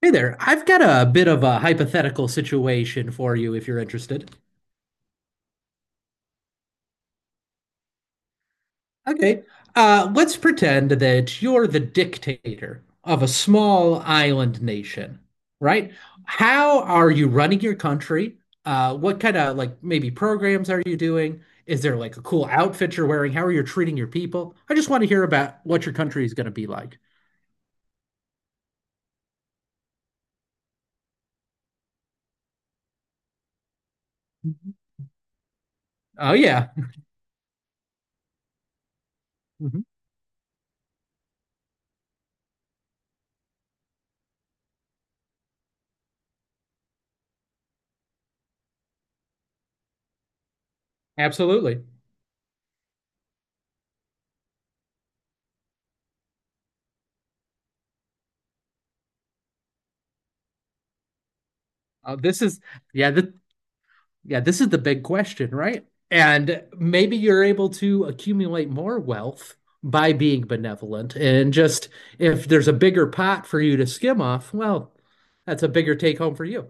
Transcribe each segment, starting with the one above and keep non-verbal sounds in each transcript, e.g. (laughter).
Hey there. I've got a bit of a hypothetical situation for you if you're interested. Okay. Let's pretend that you're the dictator of a small island nation, right? How are you running your country? What kind of like maybe programs are you doing? Is there like a cool outfit you're wearing? How are you treating your people? I just want to hear about what your country is going to be like. Mhm. Oh yeah. Mhm. Absolutely. Oh, yeah, yeah, this is the big question, right? And maybe you're able to accumulate more wealth by being benevolent. And just if there's a bigger pot for you to skim off, well, that's a bigger take home for you.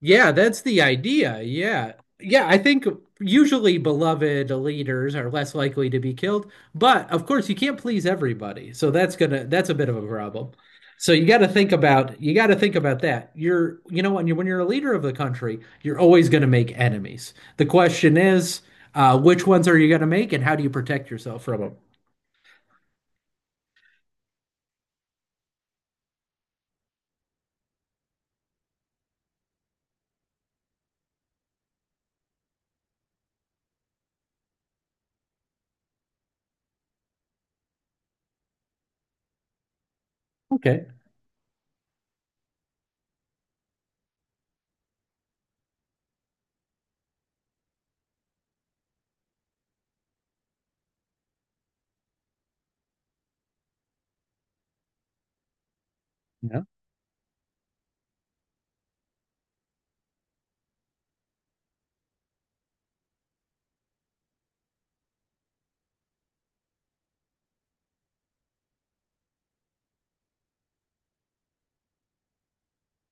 Yeah, that's the idea. Yeah. Yeah, I think usually beloved leaders are less likely to be killed, but of course you can't please everybody. So that's a bit of a problem. So you got to think about that. You know, when you're a leader of the country, you're always going to make enemies. The question is, which ones are you going to make, and how do you protect yourself from them? Okay. Yeah.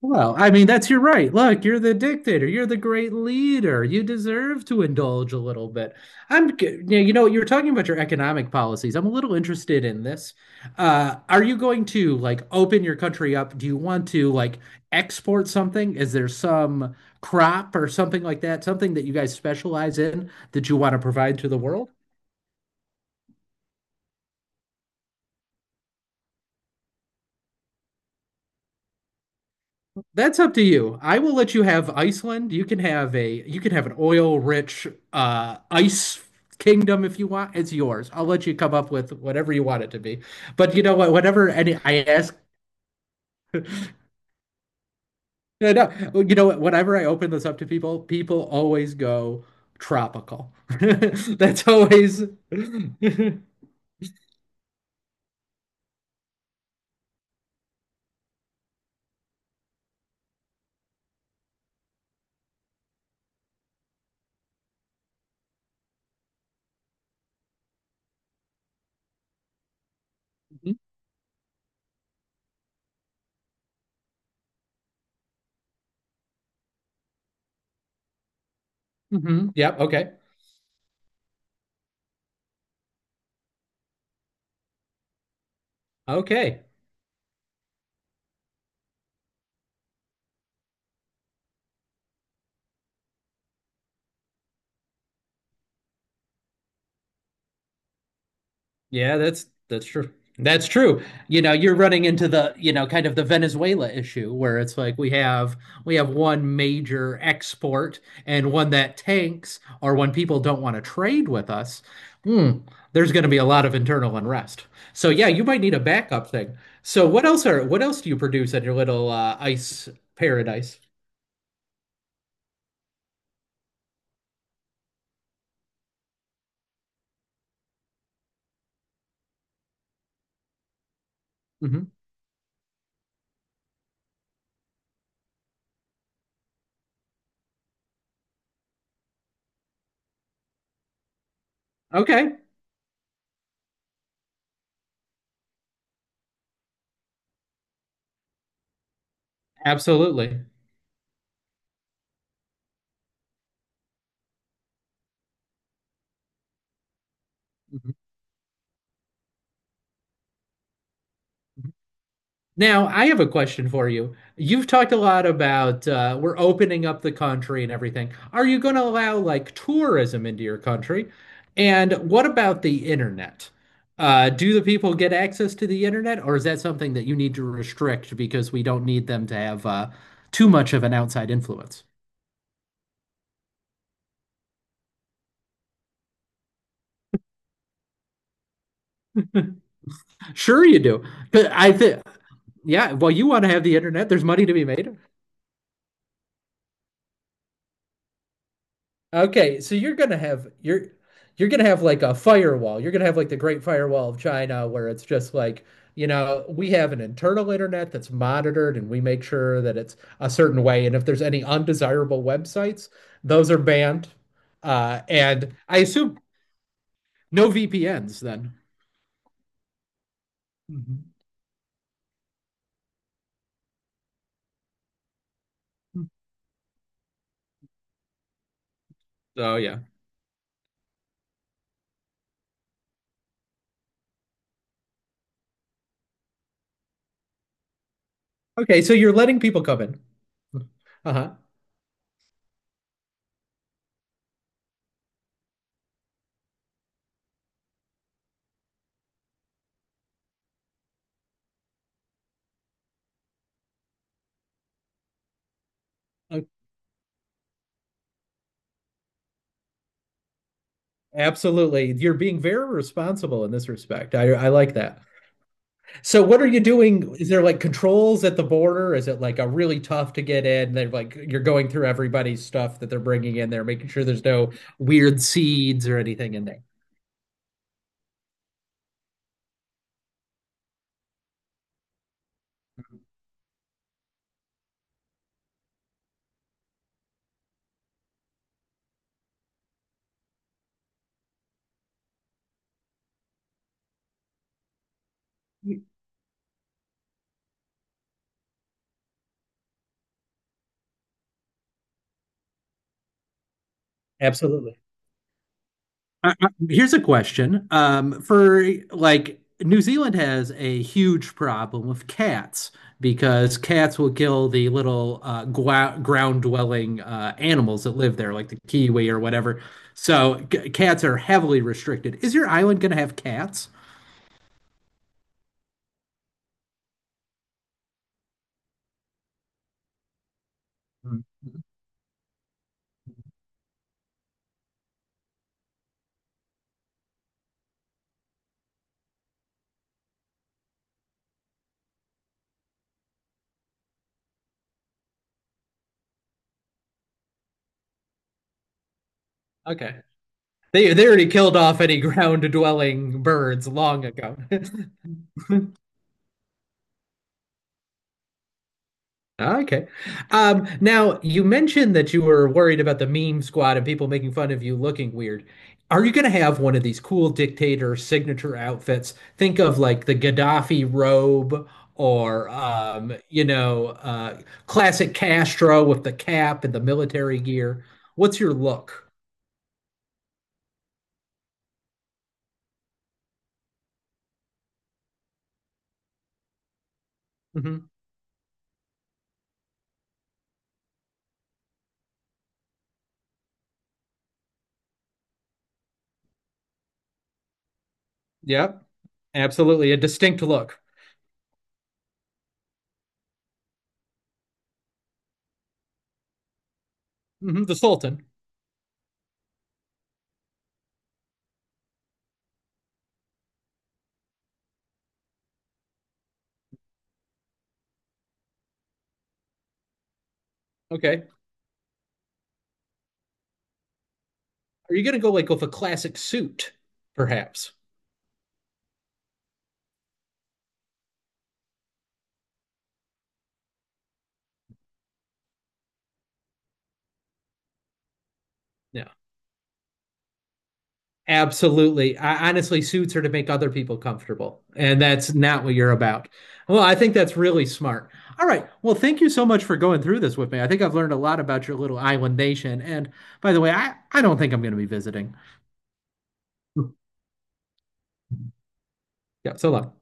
Well, I mean, that's your right. Look, you're the dictator. You're the great leader. You deserve to indulge a little bit. You know, you're talking about your economic policies. I'm a little interested in this. Are you going to like open your country up? Do you want to like export something? Is there some crop or something like that, something that you guys specialize in that you want to provide to the world? That's up to you. I will let you have Iceland. You can have an oil-rich ice kingdom if you want. It's yours. I'll let you come up with whatever you want it to be. But you know what? Whenever any I ask, no, no, you know what? Whenever I open this up to people, people always go tropical. (laughs) That's always. (laughs) Mhm, mhm. Yep. Okay. Okay. Yeah, that's true. That's true. You know, you're running into the, you know, kind of the Venezuela issue where it's like we have one major export and one that tanks or when people don't want to trade with us, hmm, there's going to be a lot of internal unrest. So yeah, you might need a backup thing. So what else do you produce at your little ice paradise? Hmm. Okay, absolutely. Mm-hmm. Now, I have a question for you. You've talked a lot about we're opening up the country and everything. Are you going to allow like tourism into your country? And what about the internet? Do the people get access to the internet, or is that something that you need to restrict because we don't need them to have too much of an outside influence? Sure, you do. But I think, yeah, well, you want to have the internet. There's money to be made. Okay, so you're gonna have like a firewall. You're gonna have like the Great Firewall of China, where it's just like, you know, we have an internal internet that's monitored and we make sure that it's a certain way. And if there's any undesirable websites, those are banned. And I assume no VPNs then. Mhm. So yeah. Okay, so you're letting people come in. Uh-huh. Uh, Absolutely. You're being very responsible in this respect. I like that. So what are you doing? Is there like controls at the border? Is it like a really tough to get in? They're like you're going through everybody's stuff that they're bringing in there, making sure there's no weird seeds or anything in there. Absolutely. Here's a question. For like New Zealand has a huge problem with cats because cats will kill the little ground dwelling animals that live there, like the kiwi or whatever. So cats are heavily restricted. Is your island going to have cats? Mm, mhm. Okay. They already killed off any (laughs) ground dwelling birds long ago. (laughs) Okay. Now you mentioned that you were worried about the meme squad and people making fun of you looking weird. Are you going to have one of these cool dictator signature outfits? Think of like the Gaddafi robe or classic Castro with the cap and the military gear. What's your look? Hmm. Yep, absolutely a distinct look. Hmm. The Sultan. Okay. Are you going to go like with a classic suit, perhaps? Yeah, absolutely. Honestly, suits are to make other people comfortable, and that's not what you're about. Well, I think that's really smart. All right. Well, thank you so much for going through this with me. I think I've learned a lot about your little island nation. And by the way, I don't think I'm going to be visiting. Yeah. So long.